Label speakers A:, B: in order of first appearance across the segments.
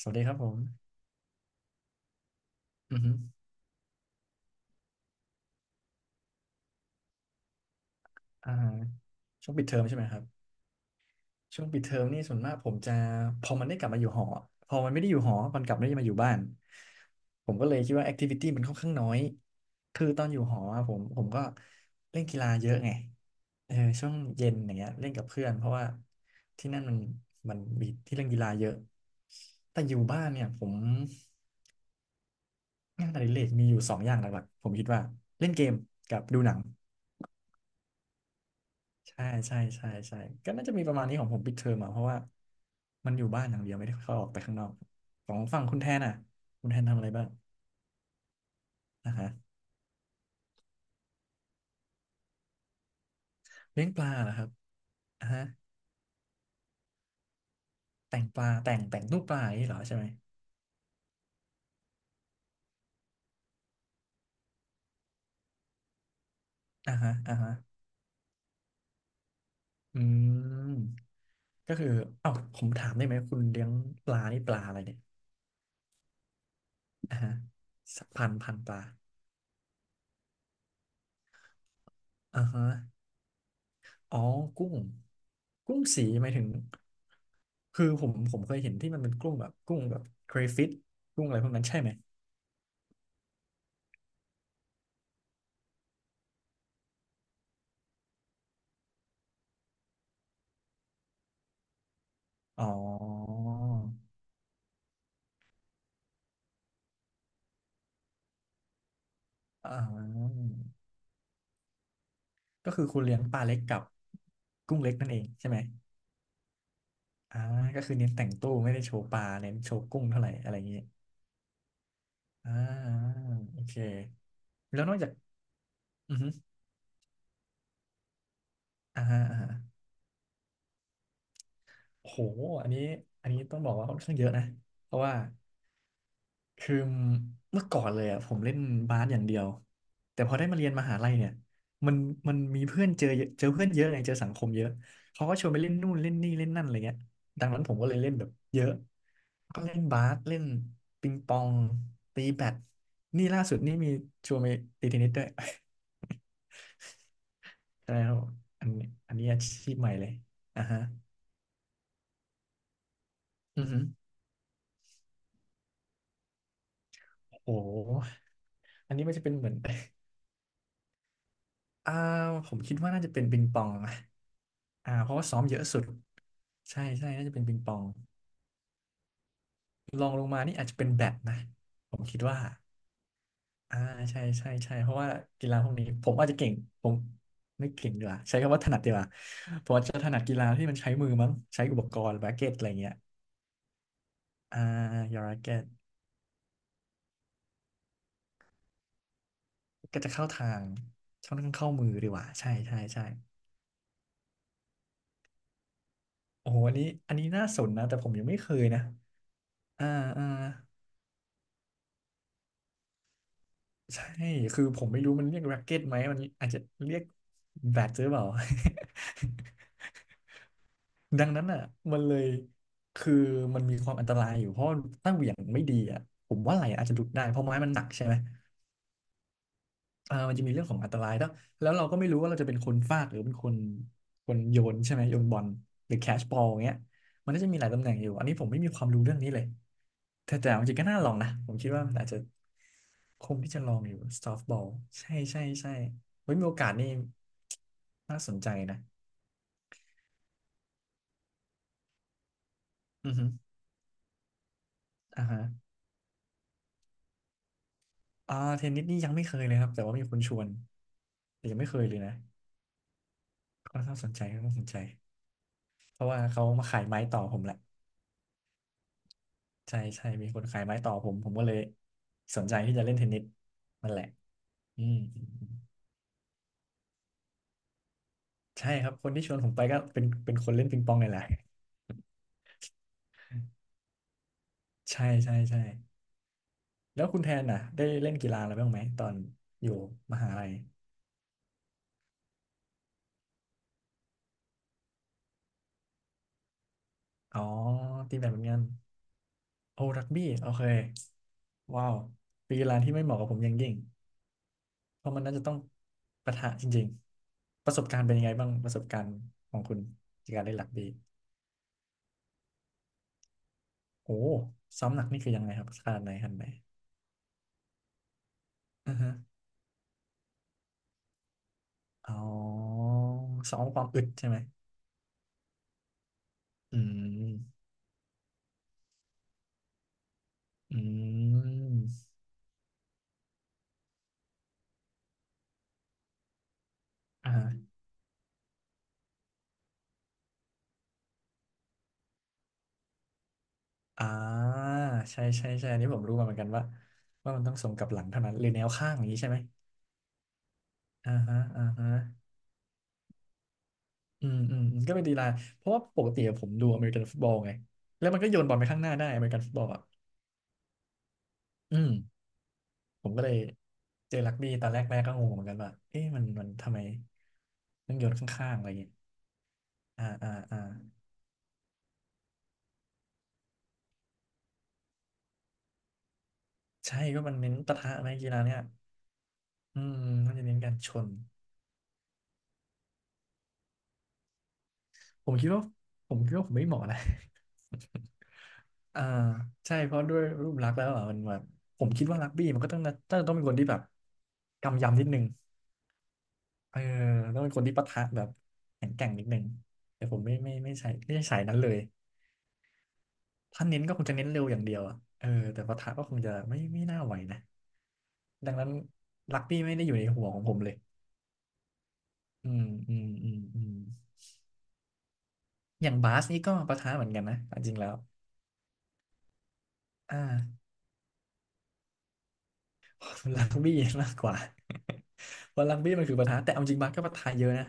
A: สวัสดีครับผมอือฮึอ่าช่วงปิดเทอมใช่ไหมครับช่วงปิดเทอมนี่ส่วนมากผมจะพอมันได้กลับมาอยู่หอพอมันไม่ได้อยู่หอมันกลับไม่ได้มาอยู่บ้านผมก็เลยคิดว่าแอคทิวิตี้มันค่อนข้างน้อยคือตอนอยู่หออะผมก็เล่นกีฬาเยอะไงเออช่วงเย็นอย่างเงี้ยเล่นกับเพื่อนเพราะว่าที่นั่นมันมีที่เล่นกีฬาเยอะแต่อยู่บ้านเนี่ยผมงานอดิเรกมีอยู่สองอย่างหลักๆผมคิดว่าเล่นเกมกับดูหนัง ใช่ใช่ใช่ใช่ก็น่าจะมีประมาณนี้ของผมปิดเทอมอ่ะเพราะว่ามันอยู่บ้านอย่างเดียวไม่ได้เข้าออกไปข้างนอกของฝั่งคุณแทนอ่ะคุณแทนทำอะไรบ้างนะฮะเลี้ยงปลาเหรอครับอ่าฮะแต่งปลาแต่งรูปปลาอย่างนี้เหรอใช่ไหมอ่าฮะอ่าฮะอืมก็คือเอ้าผมถามได้ไหมคุณเลี้ยงปลานี่ปลาอะไรเนี่ยอ่าฮะสักพันพันปลาอ่าฮะ อ๋อกุ้ง กุ้งสีหมายถึง คือผมเคยเห็นที่มันเป็นกุ้งแบบกุ้งแบบเครฟิชกุ้งอะไรพวกนั้นใช่ไหมอ๋ออ่าก็คือคุณเลี้ยงปลาเล็กกับกุ้งเล็กนั่นเองใช่ไหมอ่าก็คือเน้นแต่งตู้ไม่ได้โชว์ปลาเน้นโชว์กุ้งเท่าไหร่อะไรอย่างเงี้ยอ่าโอเคแล้วนอกจากอือฮึอ่าอ่าโหอันนี้อันนี้ต้องบอกว่าค่อนข้างเยอะนะเพราะว่า คือเมื่อก่อนเลยอ่ะผมเล่นบาสอย่างเดียวแต่พอได้มาเรียนมหาลัยเนี่ยมันมันมีเพื่อนเจอเยอะเจอเพื่อนเยอะไงเจอสังคมเยอะเขาก็ชวนไปเล่นนู่นเล่นนี่เล่นนั่นอะไรเงี้ยดังนั้นผมก็เลยเล่นแบบเยอะก็เล่นบาสเล่นปิงปองตีแบดนี่ล่าสุดนี่มีชวนไปตีเทนนิสด้วย ใช่ครับอันนี้อันนี้อาชีพใหม่เลยอ่ะฮะอือฮึโอ้โหอันนี้มันจะเป็นเหมือน อ่าผมคิดว่าน่าจะเป็นปิงปองนะ อ่าเพราะว่าซ้อมเยอะสุดใช่ใช่น่าจะเป็นปิงปองรองลงมานี่อาจจะเป็นแบดนะผมคิดว่าอ่าใช่ใช่ใช่เพราะว่ากีฬาพวกนี้ผมอาจจะเก่งผมไม่เก่งดีกว่าใช้คำว่าถนัดดีกว่าผมอาจจะถนัดกีฬาที่มันใช้มือมั้งใช้อุปกรณ์แร็กเก็ตอะไรเงี้ยอ่ายาแร็กเก็ตก็จะเข้าทางช่องทางเข้ามือดีกว่าใช่ใช่ใช่โอ้โหอันนี้อันนี้น่าสนนะแต่ผมยังไม่เคยนะอ่าอ่า ใช่คือผมไม่รู้มันเรียกแร็กเก็ตไหมมันอาจจะเรียกแบดหรือเปล่า ดังนั้นอ่ะมันเลยคือมันมีความอันตรายอยู่เพราะถ้าเหวี่ยงไม่ดีอ่ะผมว่าไหล่อาจจะหลุดได้เพราะไม้มันหนักใช่ไหมเออมันจะมีเรื่องของอันตรายแล้วแล้วเราก็ไม่รู้ว่าเราจะเป็นคนฟาดหรือเป็นคนโยนใช่ไหมโยนบอลหรือแคชบอลอย่างเงี้ยมันก็จะมีหลายตำแหน่งอยู่อันนี้ผมไม่มีความรู้เรื่องนี้เลยแต่จริงๆก็น่าลองนะผมคิดว่ามันอาจจะ คงที่จะลองอยู่ซอฟต์บอลใช่ใช่ใช่เฮ้ยมีโอกาสนี่น่าสนใจนะอือฮึอ่าฮะอ่าเทนนิสนี่ยังไม่เคยเลยครับแต่ว่ามีคนชวนแต่ยังไม่เคยเลยนะก็น่าสนใจก็น่าสนใจเพราะว่าเขามาขายไม้ต่อผมแหละใช่ใช่มีคนขายไม้ต่อผมผมก็เลยสนใจที่จะเล่นเทนนิสนั่นแหละอืมใช่ครับคนที่ชวนผมไปก็เป็นคนเล่นปิงปองนี่แหละใช่ใช่ใช่แล้วคุณแทนน่ะได้เล่นกีฬาอะไรบ้างไหมตอนอยู่มหาลัย อ๋อตีแบดเหมือนกันโอ้รักบี้โอเคว้าวเป็นกีฬาที่ไม่เหมาะกับผมอย่างยิ่งเพราะมันน่าจะต้องปะทะจริงๆประสบการณ์เป็นยังไงบ้างประสบการณ์ของคุณจากการเล่นรักบี้โอ้ซ้อมหนักนี่คือยังไงครับขนาดไหนขนาดไหนอือฮะอ๋อซ้อมความอึดใช่ไหมอืมอืมอ่าอ่าใช่ใช่ใช่อันนี้ผมรู้มาเหมือนกันว่าว่ามันต้องส่งกลับหลังเท่านั้นหรือแนวข้างอย่างนี้ใช่ไหมอ่าฮะอ่าฮะ อืมอืมอืมก็เป็นดีไลน์เพราะว่าปกติอะผมดูอเมริกันฟุตบอลไงแล้วมันก็โยนบอลไปข้างหน้าได้อเมริกันฟุตบอลอ่ะอืมผมก็เลยเจอรักบี้ตอนแรกแม่ก็งงเหมือนกันว่าเอ๊ะมันทำไมต้องโยนข้างๆอะไรอย่างเงี้ยอ่าอ่าอ่าใช่ก็มันเน้นปะทะในกีฬาเนี่ยอืมมันจะเน้นการชนผมคิดว่าผมคิดว่าผมไม่เหมาะนะ อ่าใช่เพราะด้วยรูปลักษณ์แล้วอ่ะมันแบบผมคิดว่ารักบี้มันก็ต้องน่าต้องเป็นคนที่แบบกำยำนิดนึง เออต้องเป็นคนที่ปะทะแบบแข็งแกร่งนิดนึงแต่ผมไม่ใช่ไม่ใช่สายนั้นเลยถ้าเน้นก็คงจะเน้นเร็วอย่างเดียวอะเออแต่ปะทะก็คงจะไม่น่าไหวนะดังนั้นลักบี้ไม่ได้อยู่ในหัวของผมเลยอืมอืมอืมอืมอย่างบาสนี่ก็ปะทะเหมือนกันนะจริงๆแล้วอ่า รักบี้มากกว่า เพราะรักบี้มันคือประธานแต่เอาจริงบาสก็ประธานเยอะนะ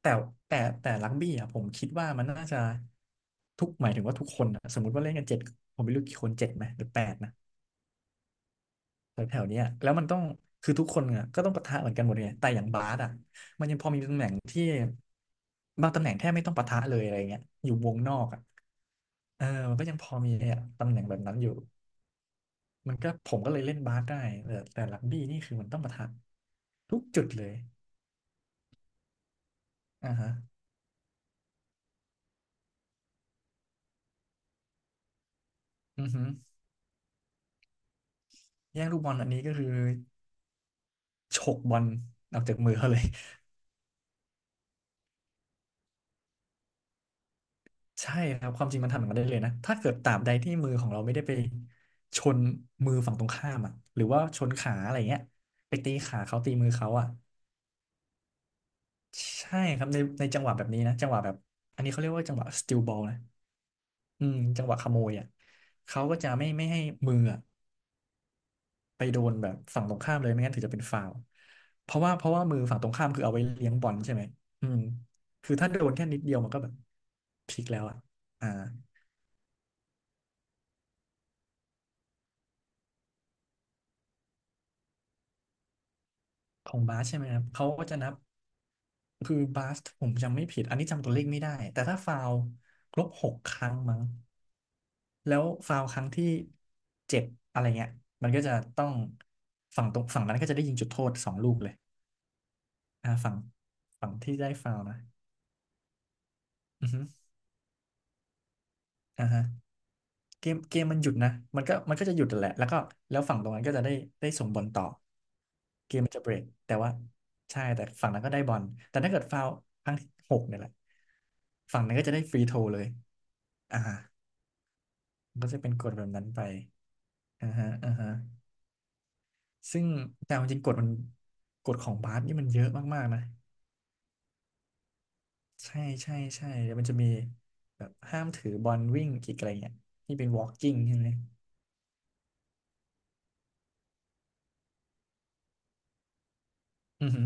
A: แต่แต่รักบี้อ่ะผมคิดว่ามันน่าจะทุกหมายถึงว่าทุกคนอะสมมติว่าเล่นกันเจ็ดผมไม่รู้กี่คนเจ็ดไหมหรือแปดนะแถวแถวเนี้ยแล้วมันต้องคือทุกคนอ่ะก็ต้องปะทะเหมือนกันหมดไงแต่อย่างบาสอ่ะบางตำแหน่งแทบไม่ต้องปะทะเลยอะไรเงี้ยอยู่วงนอกอ่ะเออมันก็ยังพอมีอ่ะตำแหน่งแบบนั้นอยู่มันก็ผมก็เลยเล่นบาสได้แต่รักบี้นี่คือมันต้องปะทะทุกจุดเลยอ่าฮะ อือหือแย่งลูกบอลอันนี้ก็คือฉกบอลออกจากมือเขาเลย ใช่ครับความจริงมันทำอย่างนั้นได้เลยนะถ้าเกิดตราบใดที่มือของเราไม่ได้ไปชนมือฝั่งตรงข้ามอ่ะหรือว่าชนขาอะไรเงี้ยไปตีขาเขาตีมือเขาอ่ะใช่ครับในจังหวะแบบนี้นะจังหวะแบบอันนี้เขาเรียกว่าจังหวะ steal ball นะอืมจังหวะขโมยอ่ะเขาก็จะไม่ให้มืออะ ไปโดนแบบฝั่งตรงข้ามเลยไม่งั้นถือจะเป็นฟาวล์เพราะว่ามือฝั่งตรงข้ามคือเอาไว้เลี้ยงบอลใช่ไหมอืมคือถ้าโดนแค่นิดเดียวมันก็แบบพลิกแล้วอ่ะอ่าของบาสใช่ไหมครับเขาก็จะนับคือบาสผมจำไม่ผิดอันนี้จำตัวเลขไม่ได้แต่ถ้าฟาวล์ครบ6 ครั้งมั้งแล้วฟาวล์ครั้งที่ 7อะไรเงี้ยมันก็จะต้องฝั่งตรงฝั่งนั้นก็จะได้ยิงจุดโทษ2 ลูกเลยอ่าฝั่งฝั่งที่ได้ฟาวล์นะอือฮึอ่าฮะ เกมมันหยุดนะ มันก็จะหยุดแหละแล้วก็แล้วฝั่งตรงนั้นก็จะได้ได้ส่งบอลต่อเกมมันจะเบรกแต่ว่าใช่แต่ฝั่งนั้นก็ได้บอลแต่ถ้าเกิดฟาวล์ครั้งที่ 6เนี่ยแหละฝั่งนั้นก็จะได้ฟรีโทเลยอ่ามันก็จะเป็นกฎแบบนั้นไปอ่าฮะอ่าฮะซึ่งแต่เอาจริงกฎมันกฎของบาสนี่มันเยอะมากๆนะใช่ใช่ใช่แล้วมันจะมีแบบห้ามถือบอลวิ่งอีกอะไรเงี้ยที่เป็น walking ใช่ไหมอือฮึ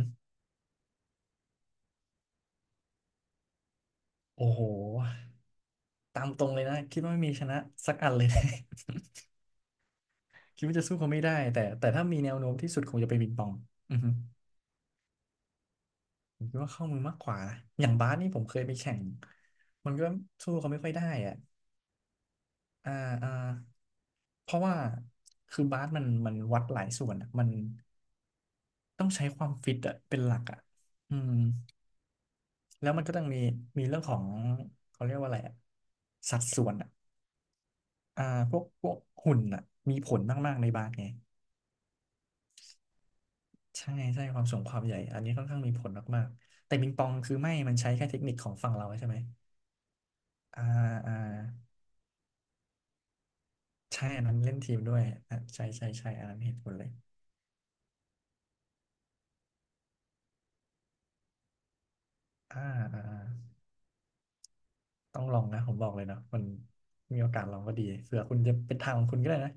A: โอ้โห ตามตรงเลยนะคิดว่าไม่มีชนะสักอันเลยนะ คิดว่าจะสู้เขาไม่ได้แต่ถ้ามีแนวโน้มที่สุดคงจะเป็นปิงปองอือฮึผมคิดว่าเข้ามือมากกว่านะอย่างบาสนี่ผมเคยไปแข่งมันก็สู้เขาไม่ค่อยได้อ่ะอ่าอ่าเพราะว่าคือบาสมันวัดหลายส่วนอะมันต้องใช้ความฟิตอ่ะเป็นหลักอ่ะอืมแล้วมันก็ต้องมีมีเรื่องของเขาเรียกว่าอะไรอ่ะสัดส่วนอ่ะอ่าพวกหุ่นอ่ะมีผลมากๆในบาสไง ใช่ใช่ความสูงความใหญ่ อันนี้ค่อนข้างมีผลมากๆแต่ปิงปองคือไม่ มันใช้แค่เทคนิคของฝั่งเราใช่ไหม อ่าอ่าใช่อันนั้นเล่นทีมด้วยอ่ะใช่ใช่ใช่อันนั้นเห็นผลเลยอ่าอ่าต้องลองนะผมบอกเลยเนาะมันมีโอกาสลองก็ดีเผื่อคุณจะเป็นทางของคุณก็ได้นะ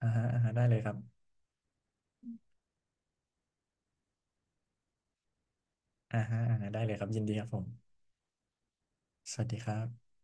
A: อ่าฮะอ่าฮะได้เลยครับอ่าฮะอ่าฮะได้เลยครับยินดีครับผม สวัสดีครับ